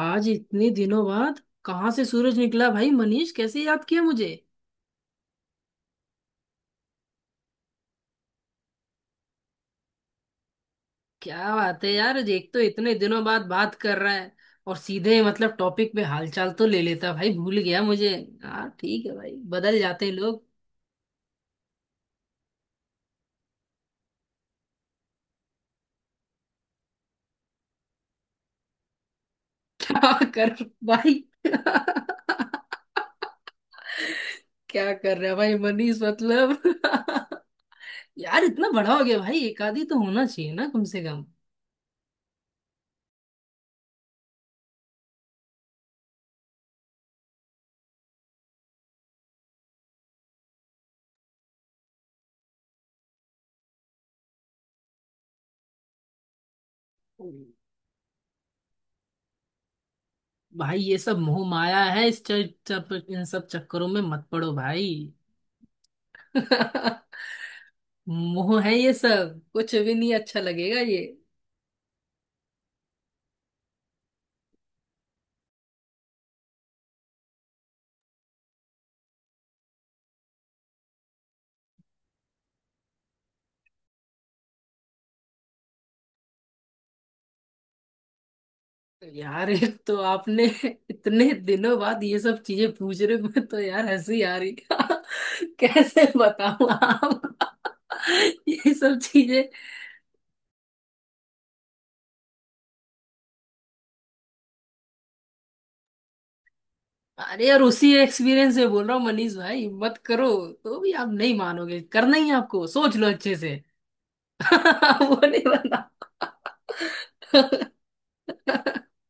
आज इतने दिनों बाद कहाँ से सूरज निकला भाई मनीष, कैसे याद किया मुझे? क्या बात है यार, एक तो इतने दिनों बाद बात कर रहा है और सीधे टॉपिक पे। हालचाल तो ले लेता भाई, भूल गया मुझे। हाँ ठीक है भाई, बदल जाते हैं लोग। क्या कर भाई। क्या कर रहा है भाई मनीष यार इतना बड़ा हो गया भाई, एक आधी तो होना चाहिए ना कम से कम। भाई ये सब मोह माया है। इन सब चक्करों में मत पड़ो भाई। मोह है ये सब, कुछ भी नहीं अच्छा लगेगा ये। यार एक तो आपने इतने दिनों बाद ये सब चीजें पूछ रहे हो, मैं तो यार हंसी आ रही कैसे बताऊं आप ये सब चीजें। अरे यार उसी एक्सपीरियंस से बोल रहा हूँ मनीष भाई, मत करो। तो भी आप नहीं मानोगे, करना ही है आपको, सोच लो अच्छे से। वो नहीं बना।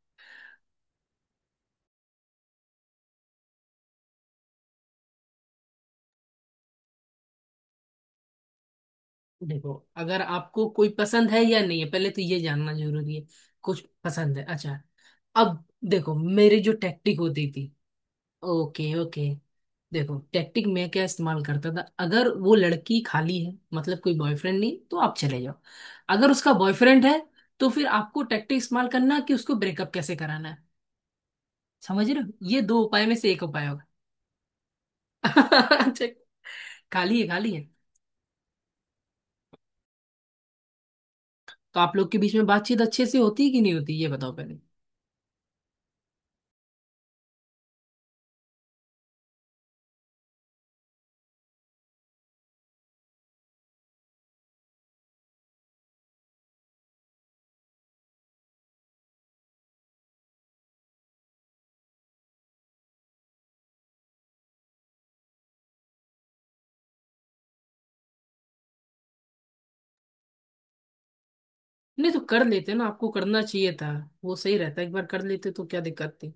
देखो, अगर आपको कोई पसंद है या नहीं है पहले तो ये जानना जरूरी है। कुछ पसंद है, अच्छा। अब देखो मेरी जो टैक्टिक होती थी। Okay okay. देखो टैक्टिक मैं क्या इस्तेमाल करता था, अगर वो लड़की खाली है मतलब कोई बॉयफ्रेंड नहीं, तो आप चले जाओ। अगर उसका बॉयफ्रेंड है तो फिर आपको टैक्टिक इस्तेमाल करना है कि उसको ब्रेकअप कैसे कराना है। समझ रहे हो, ये दो उपाय में से एक उपाय। अच्छा। खाली है, खाली है। तो आप लोग के बीच में बातचीत अच्छे से होती है कि नहीं होती, ये बताओ पहले। नहीं तो कर लेते ना, आपको करना चाहिए था। वो सही रहता, एक बार कर लेते तो क्या दिक्कत थी।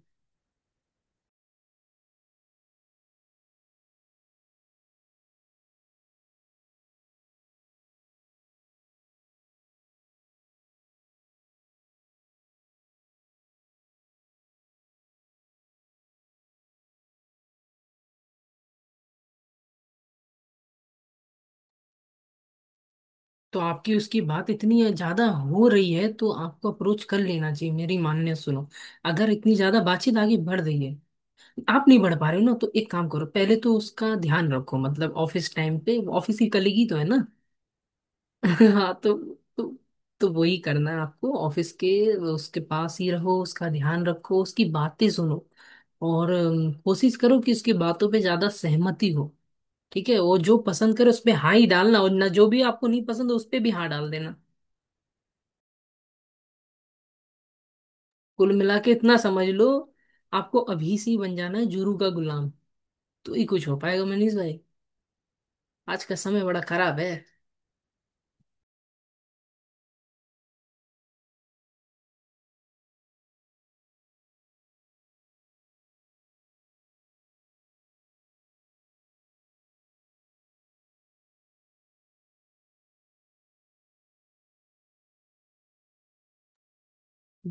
तो आपकी उसकी बात इतनी ज्यादा हो रही है तो आपको अप्रोच कर लेना चाहिए, मेरी मान्य सुनो। अगर इतनी ज्यादा बातचीत आगे बढ़ रही है, आप नहीं बढ़ पा रहे हो ना, तो एक काम करो। पहले तो उसका ध्यान रखो, मतलब ऑफिस टाइम पे ऑफिस की कलीग ही तो है ना। हाँ तो तो तो वही करना है आपको ऑफिस के, उसके पास ही रहो, उसका ध्यान रखो, उसकी बातें सुनो। और कोशिश करो कि उसकी बातों पे ज्यादा सहमति हो। ठीक है, वो जो पसंद करे उस पे हाँ ही डालना, और ना जो भी आपको नहीं पसंद उस पे भी हाँ डाल देना। कुल मिला के इतना समझ लो, आपको अभी से ही बन जाना है जुरू का गुलाम, तो ही कुछ हो पाएगा मनीष भाई। आज का समय बड़ा खराब है।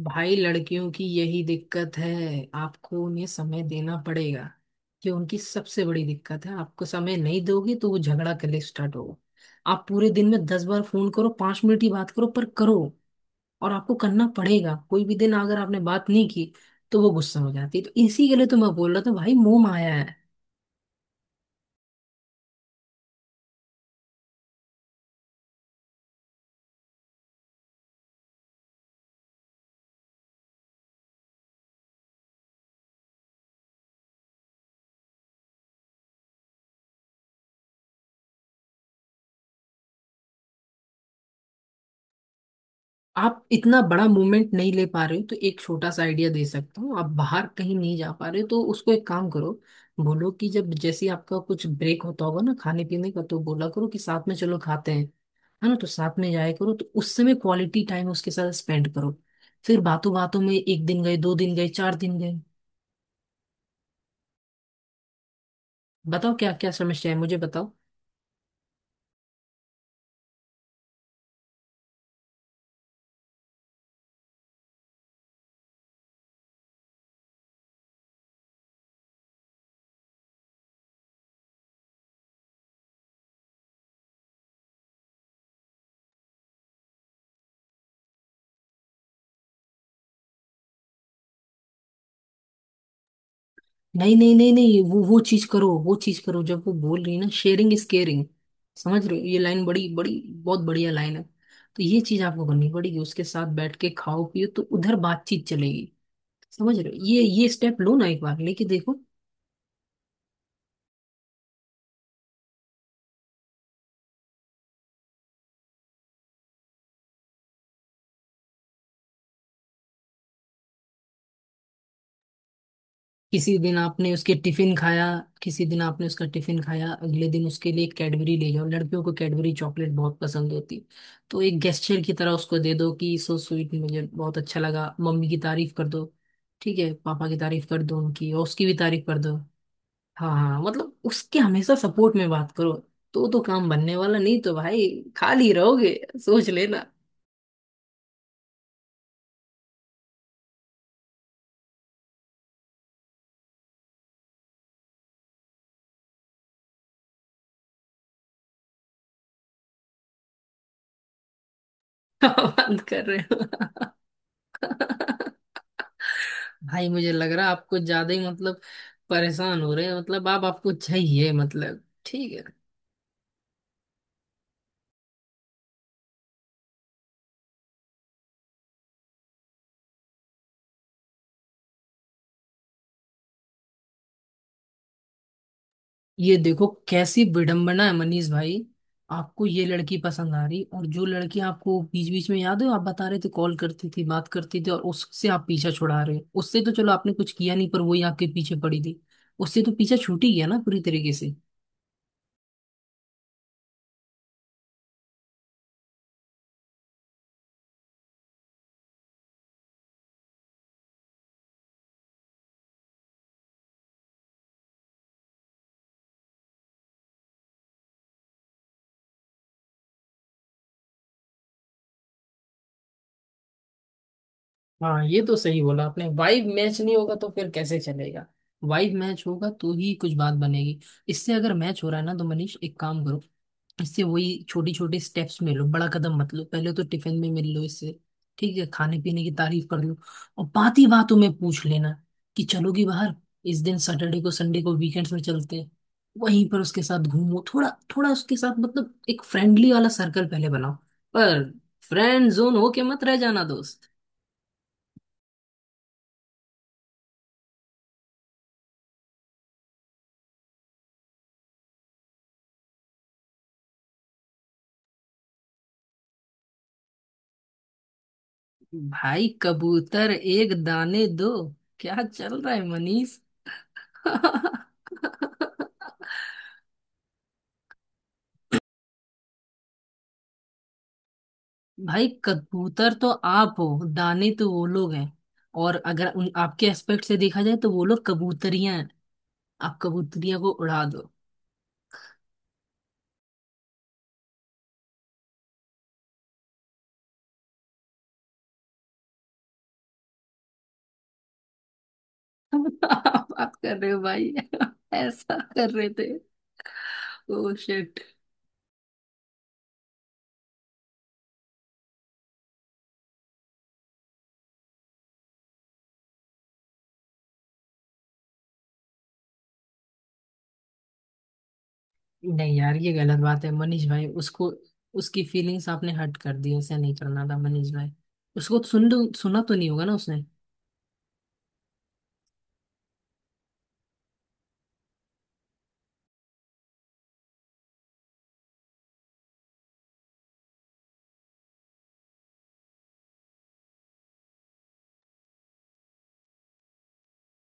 भाई लड़कियों की यही दिक्कत है, आपको उन्हें समय देना पड़ेगा। ये उनकी सबसे बड़ी दिक्कत है, आपको समय नहीं दोगे तो वो झगड़ा करने स्टार्ट होगा। आप पूरे दिन में 10 बार फोन करो, 5 मिनट ही बात करो पर करो। और आपको करना पड़ेगा, कोई भी दिन अगर आपने बात नहीं की तो वो गुस्सा हो जाती है। तो इसी के लिए तो मैं बोल रहा था भाई मोह माया है। आप इतना बड़ा मूवमेंट नहीं ले पा रहे हो तो एक छोटा सा आइडिया दे सकता हूँ। आप बाहर कहीं नहीं जा पा रहे हो, तो उसको एक काम करो, बोलो कि जब जैसे ही आपका कुछ ब्रेक होता होगा ना खाने पीने का, तो बोला करो कि साथ में चलो खाते हैं। है ना, तो साथ में जाया करो, तो उस समय क्वालिटी टाइम उसके साथ स्पेंड करो। फिर बातों बातों में एक दिन गए, दो दिन गए, चार दिन गए। बताओ क्या क्या समस्या है, मुझे बताओ। नहीं नहीं नहीं नहीं वो चीज करो, वो चीज करो। जब वो बोल रही है ना शेयरिंग इज केयरिंग, समझ रहे हो ये लाइन, बड़ी बड़ी बहुत बढ़िया लाइन है। तो ये चीज आपको करनी पड़ेगी, उसके साथ बैठ के खाओ पियो, तो उधर बातचीत चलेगी। समझ रहे हो, ये स्टेप लो ना, एक बार लेके देखो। किसी दिन आपने उसके टिफिन खाया, किसी दिन आपने उसका टिफिन खाया, अगले दिन उसके लिए कैडबरी ले जाओ। लड़कियों को कैडबरी चॉकलेट बहुत पसंद होती। तो एक गेस्चर की तरह उसको दे दो कि सो स्वीट, मुझे बहुत अच्छा लगा। मम्मी की तारीफ कर दो, ठीक है, पापा की तारीफ कर दो उनकी, और उसकी भी तारीफ कर दो। हाँ हाँ हाँ, मतलब उसके हमेशा सपोर्ट में बात करो, तो काम बनने वाला नहीं तो भाई खाली रहोगे, सोच लेना। बंद कर रहे हो भाई, मुझे लग रहा है आप कुछ ज्यादा ही परेशान हो रहे हैं। मतलब आप, आपको चाहिए मतलब ठीक है। ये देखो कैसी विडंबना है मनीष भाई, आपको ये लड़की पसंद आ रही, और जो लड़की आपको बीच बीच में याद है, आप बता रहे थे कॉल करती थी बात करती थी, और उससे आप पीछा छुड़ा रहे हो। उससे तो चलो आपने कुछ किया नहीं, पर वही आपके पीछे पड़ी थी। उससे तो पीछा छूट ही गया ना पूरी तरीके से। हाँ, ये तो सही बोला आपने, वाइब मैच नहीं होगा तो फिर कैसे चलेगा। वाइब मैच होगा तो ही कुछ बात बनेगी। इससे अगर मैच हो रहा है ना तो मनीष एक काम करो, इससे वही छोटी छोटी स्टेप्स में लो, बड़ा कदम मत लो। पहले तो टिफिन में मिल लो इससे, ठीक है, खाने पीने की तारीफ कर लो। और बात ही बातों में पूछ लेना कि चलोगी बाहर, इस दिन सैटरडे को, संडे को, वीकेंड्स में चलते हैं। वहीं पर उसके साथ घूमो थोड़ा, थोड़ा उसके साथ मतलब एक फ्रेंडली वाला सर्कल पहले बनाओ। पर फ्रेंड जोन होके मत रह जाना दोस्त। भाई कबूतर एक दाने दो, क्या चल रहा है मनीष? भाई कबूतर तो आप हो, दाने तो वो लोग हैं। और अगर उन आपके एस्पेक्ट से देखा जाए तो वो लोग कबूतरियां हैं, आप कबूतरियां को उड़ा दो। आप बात कर रहे हो भाई। ऐसा कर रहे थे? Oh shit. नहीं यार ये गलत बात है मनीष भाई, उसको, उसकी फीलिंग्स आपने हर्ट कर दी, ऐसा नहीं करना था मनीष भाई। उसको सुन, सुना तो नहीं होगा ना उसने?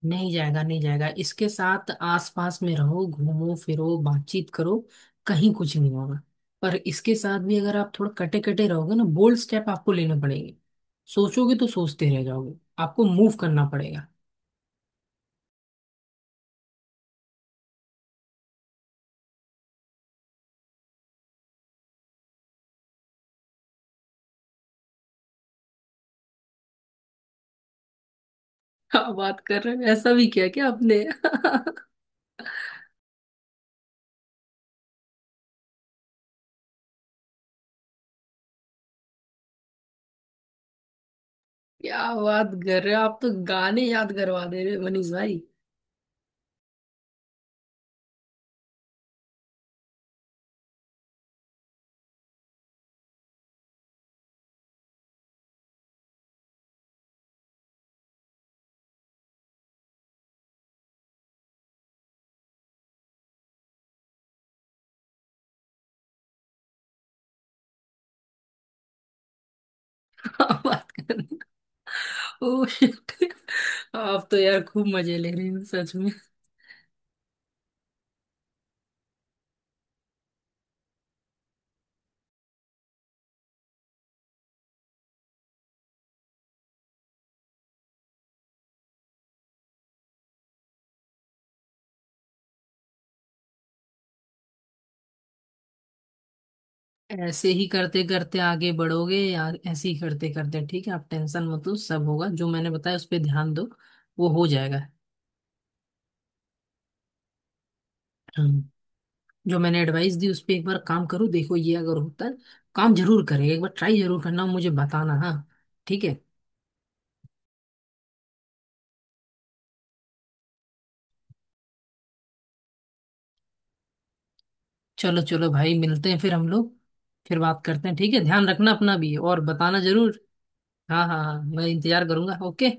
नहीं जाएगा, नहीं जाएगा। इसके साथ आसपास में रहो, घूमो फिरो, बातचीत करो, कहीं कुछ नहीं होगा। पर इसके साथ भी अगर आप थोड़ा कटे कटे रहोगे ना, बोल्ड स्टेप आपको लेने पड़ेंगे। सोचोगे तो सोचते रह जाओगे, आपको मूव करना पड़ेगा। क्या बात कर रहे हो, ऐसा भी किया क्या आपने? क्या बात कर रहे हो, आप तो गाने याद करवा दे रहे हो मनीष भाई। क्या बात कर रहे हो। ओह शिट, आप तो यार खूब मजे ले रहे हो सच में। ऐसे ही करते करते आगे बढ़ोगे या ऐसे ही करते करते, ठीक है आप टेंशन मत लो, सब होगा। जो मैंने बताया उस पर ध्यान दो, वो हो जाएगा। हम्म। जो मैंने एडवाइस दी उस पर एक बार काम करो, देखो ये अगर होता है, काम जरूर करेगा। एक बार ट्राई जरूर करना, मुझे बताना हाँ, ठीक है? चलो चलो भाई, मिलते हैं फिर हम लोग, फिर बात करते हैं, ठीक है। ध्यान रखना अपना भी, और बताना जरूर। हाँ हाँ हाँ, मैं इंतजार करूंगा, ओके।